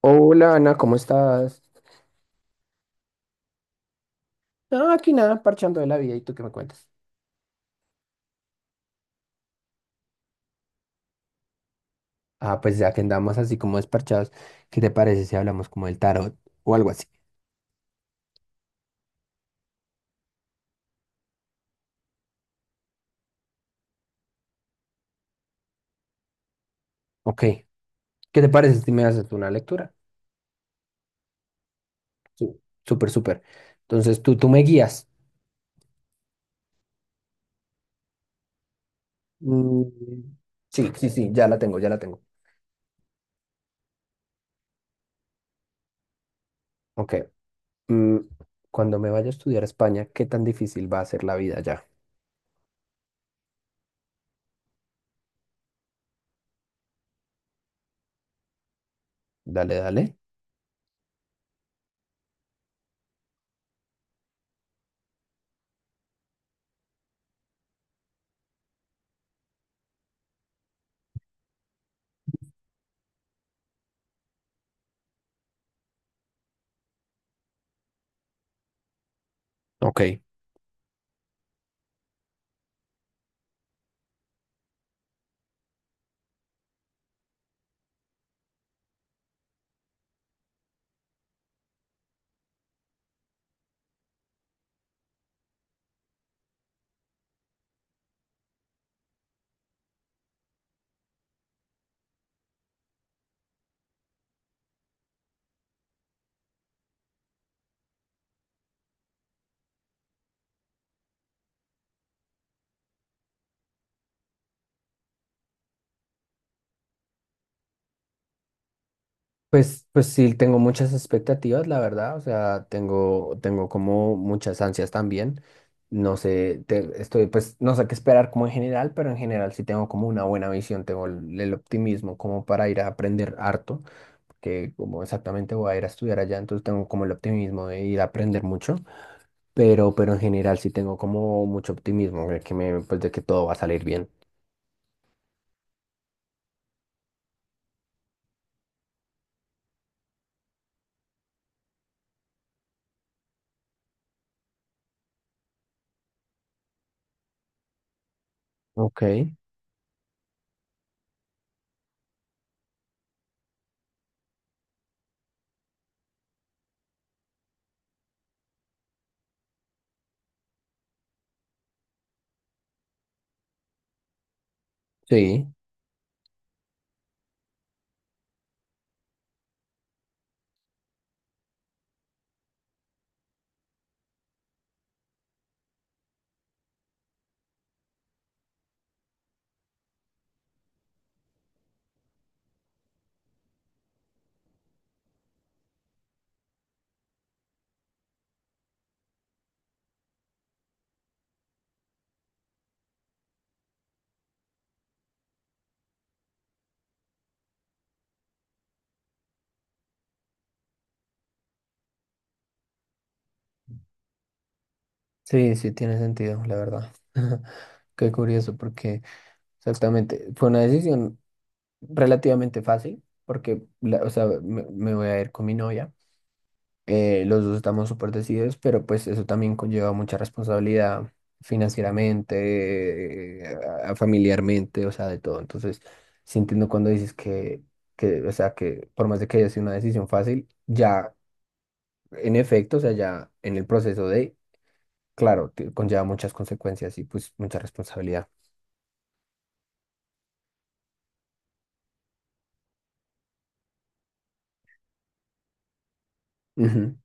Hola Ana, ¿cómo estás? No, aquí nada, parchando de la vida, ¿y tú qué me cuentas? Ah, pues ya que andamos así como desparchados, ¿qué te parece si hablamos como del tarot o algo así? Ok, ¿qué te parece si me haces tú una lectura? Sí. Súper, súper. Entonces tú me guías. Mm, sí, sí, sí, ya la tengo, ya la tengo. Ok, mm, cuando me vaya a estudiar a España, ¿qué tan difícil va a ser la vida ya? Dale, dale. Ok. Pues, pues sí, tengo muchas expectativas, la verdad, o sea, tengo como muchas ansias también. No sé, estoy, pues no sé qué esperar como en general, pero en general sí tengo como una buena visión, tengo el optimismo como para ir a aprender harto, que como exactamente voy a ir a estudiar allá, entonces tengo como el optimismo de ir a aprender mucho, pero en general sí tengo como mucho optimismo de que me, pues de que todo va a salir bien. Ok, sí, sí, sí tiene sentido, la verdad. Qué curioso, porque exactamente. Fue una decisión relativamente fácil porque, o sea, me voy a ir con mi novia. Los dos estamos súper decididos, pero pues eso también conlleva mucha responsabilidad financieramente, familiarmente, o sea, de todo. Entonces, sí entiendo cuando dices que, o sea, que por más de que haya sido una decisión fácil, ya en efecto, o sea, ya en el proceso de, claro, conlleva muchas consecuencias y pues mucha responsabilidad. Ujú.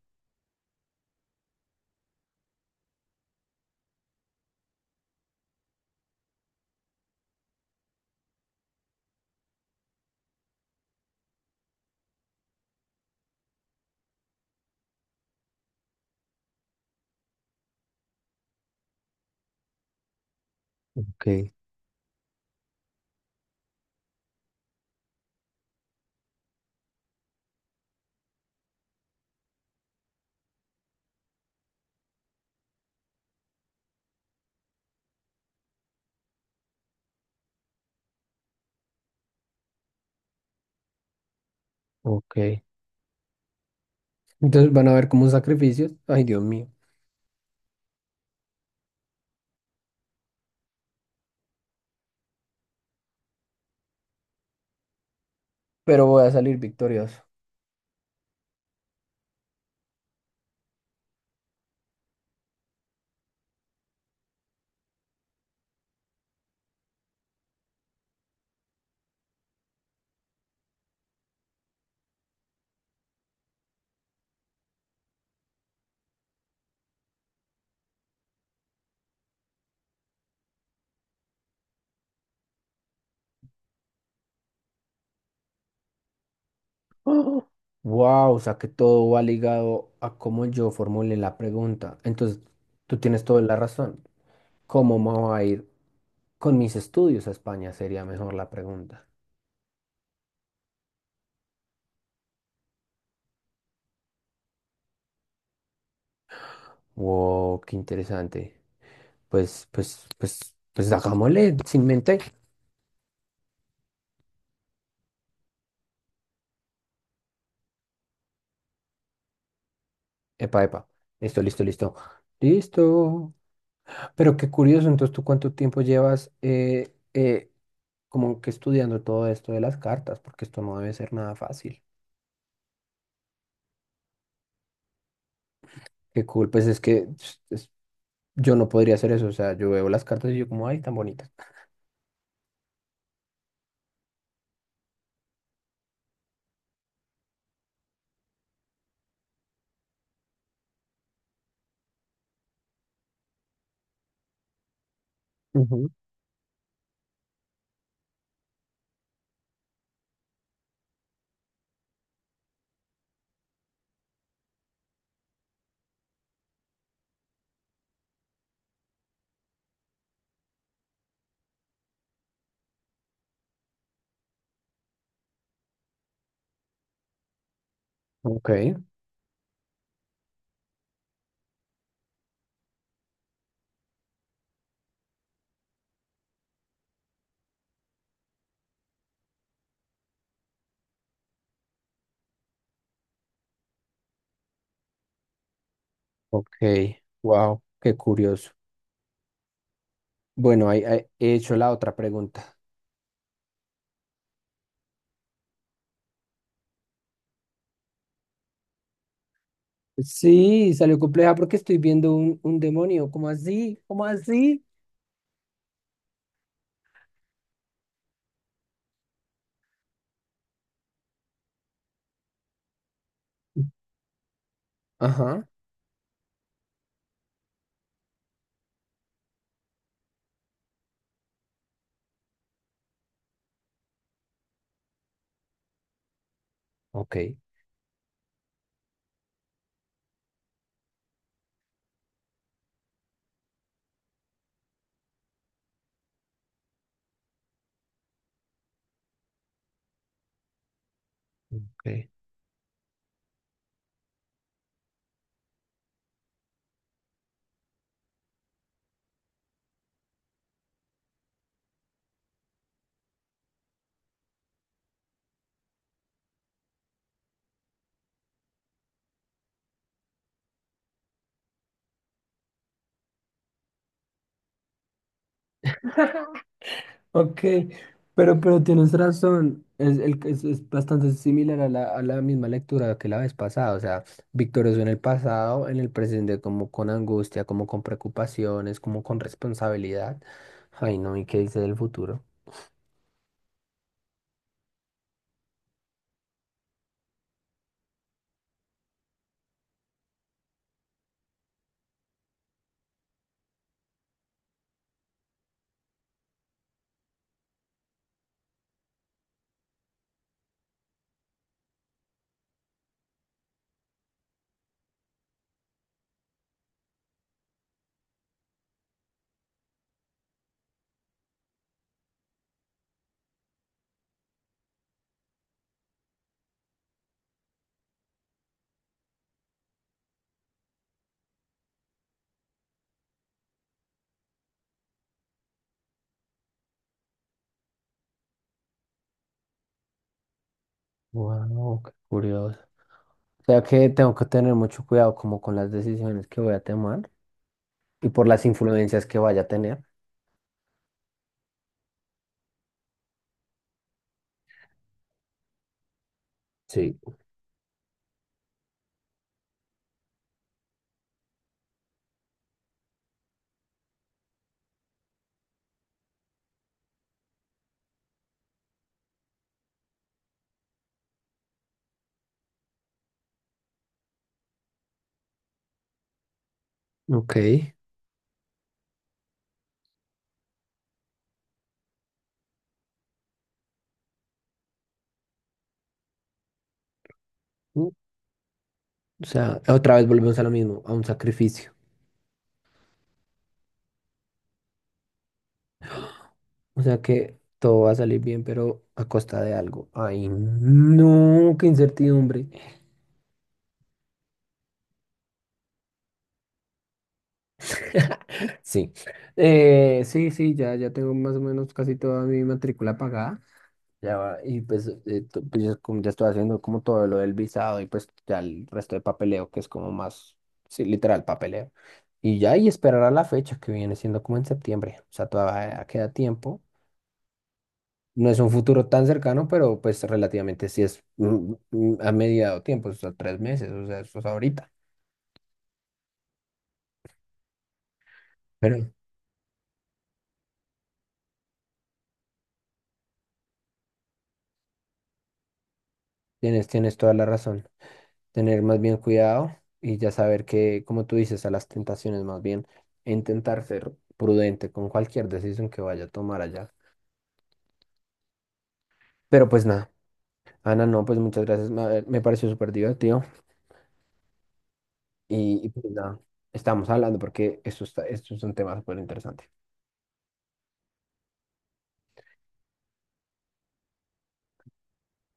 Ok, ok. Entonces van a ver como sacrificios. Ay, Dios mío. Pero voy a salir victorioso. Wow, o sea que todo va ligado a cómo yo formule la pregunta. Entonces, tú tienes toda la razón. ¿Cómo me voy a ir con mis estudios a España? Sería mejor la pregunta. Wow, qué interesante. Pues, pues, pues, pues hagámosle sin mente. Epa, epa. Listo, listo, listo. Listo. Pero qué curioso, entonces, ¿tú cuánto tiempo llevas como que estudiando todo esto de las cartas? Porque esto no debe ser nada fácil. Qué cool, pues es que yo no podría hacer eso, o sea, yo veo las cartas y yo como, ay, tan bonitas. Ujú. Ok, ok, wow, qué curioso. Bueno, ahí, ahí he hecho la otra pregunta. Sí, salió compleja porque estoy viendo un demonio, ¿cómo así? ¿Cómo así? Ajá, ok, ok. Ok, pero tienes razón, es bastante similar a a la misma lectura que la vez pasada, o sea, victorioso en el pasado, en el presente como con angustia, como con preocupaciones, como con responsabilidad. Ay, no, ¿y qué dice del futuro? Wow, qué curioso. O sea que tengo que tener mucho cuidado como con las decisiones que voy a tomar y por las influencias que vaya a tener. Sí. Ok. Mm, o sea, otra vez volvemos a lo mismo, a un sacrificio. O sea que todo va a salir bien, pero a costa de algo. Ay, no, qué incertidumbre. Sí. Sí, sí, ya, ya tengo más o menos casi toda mi matrícula pagada. Ya va, y pues, pues ya, como ya estoy haciendo como todo lo del visado y pues ya el resto de papeleo, que es como más, sí, literal papeleo. Y ya, y esperar a la fecha que viene siendo como en septiembre. O sea, todavía queda tiempo. No es un futuro tan cercano, pero pues relativamente sí es a mediado tiempo, o sea, 3 meses, o sea, eso es ahorita. Pero tienes toda la razón. Tener más bien cuidado y ya saber que, como tú dices, a las tentaciones más bien, intentar ser prudente con cualquier decisión que vaya a tomar allá. Pero pues nada, Ana, no, pues muchas gracias, me pareció súper divertido y pues nada, estamos hablando porque esto está, esto es un tema súper interesante.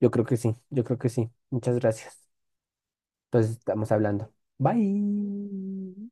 Yo creo que sí, yo creo que sí. Muchas gracias. Entonces estamos hablando. Bye.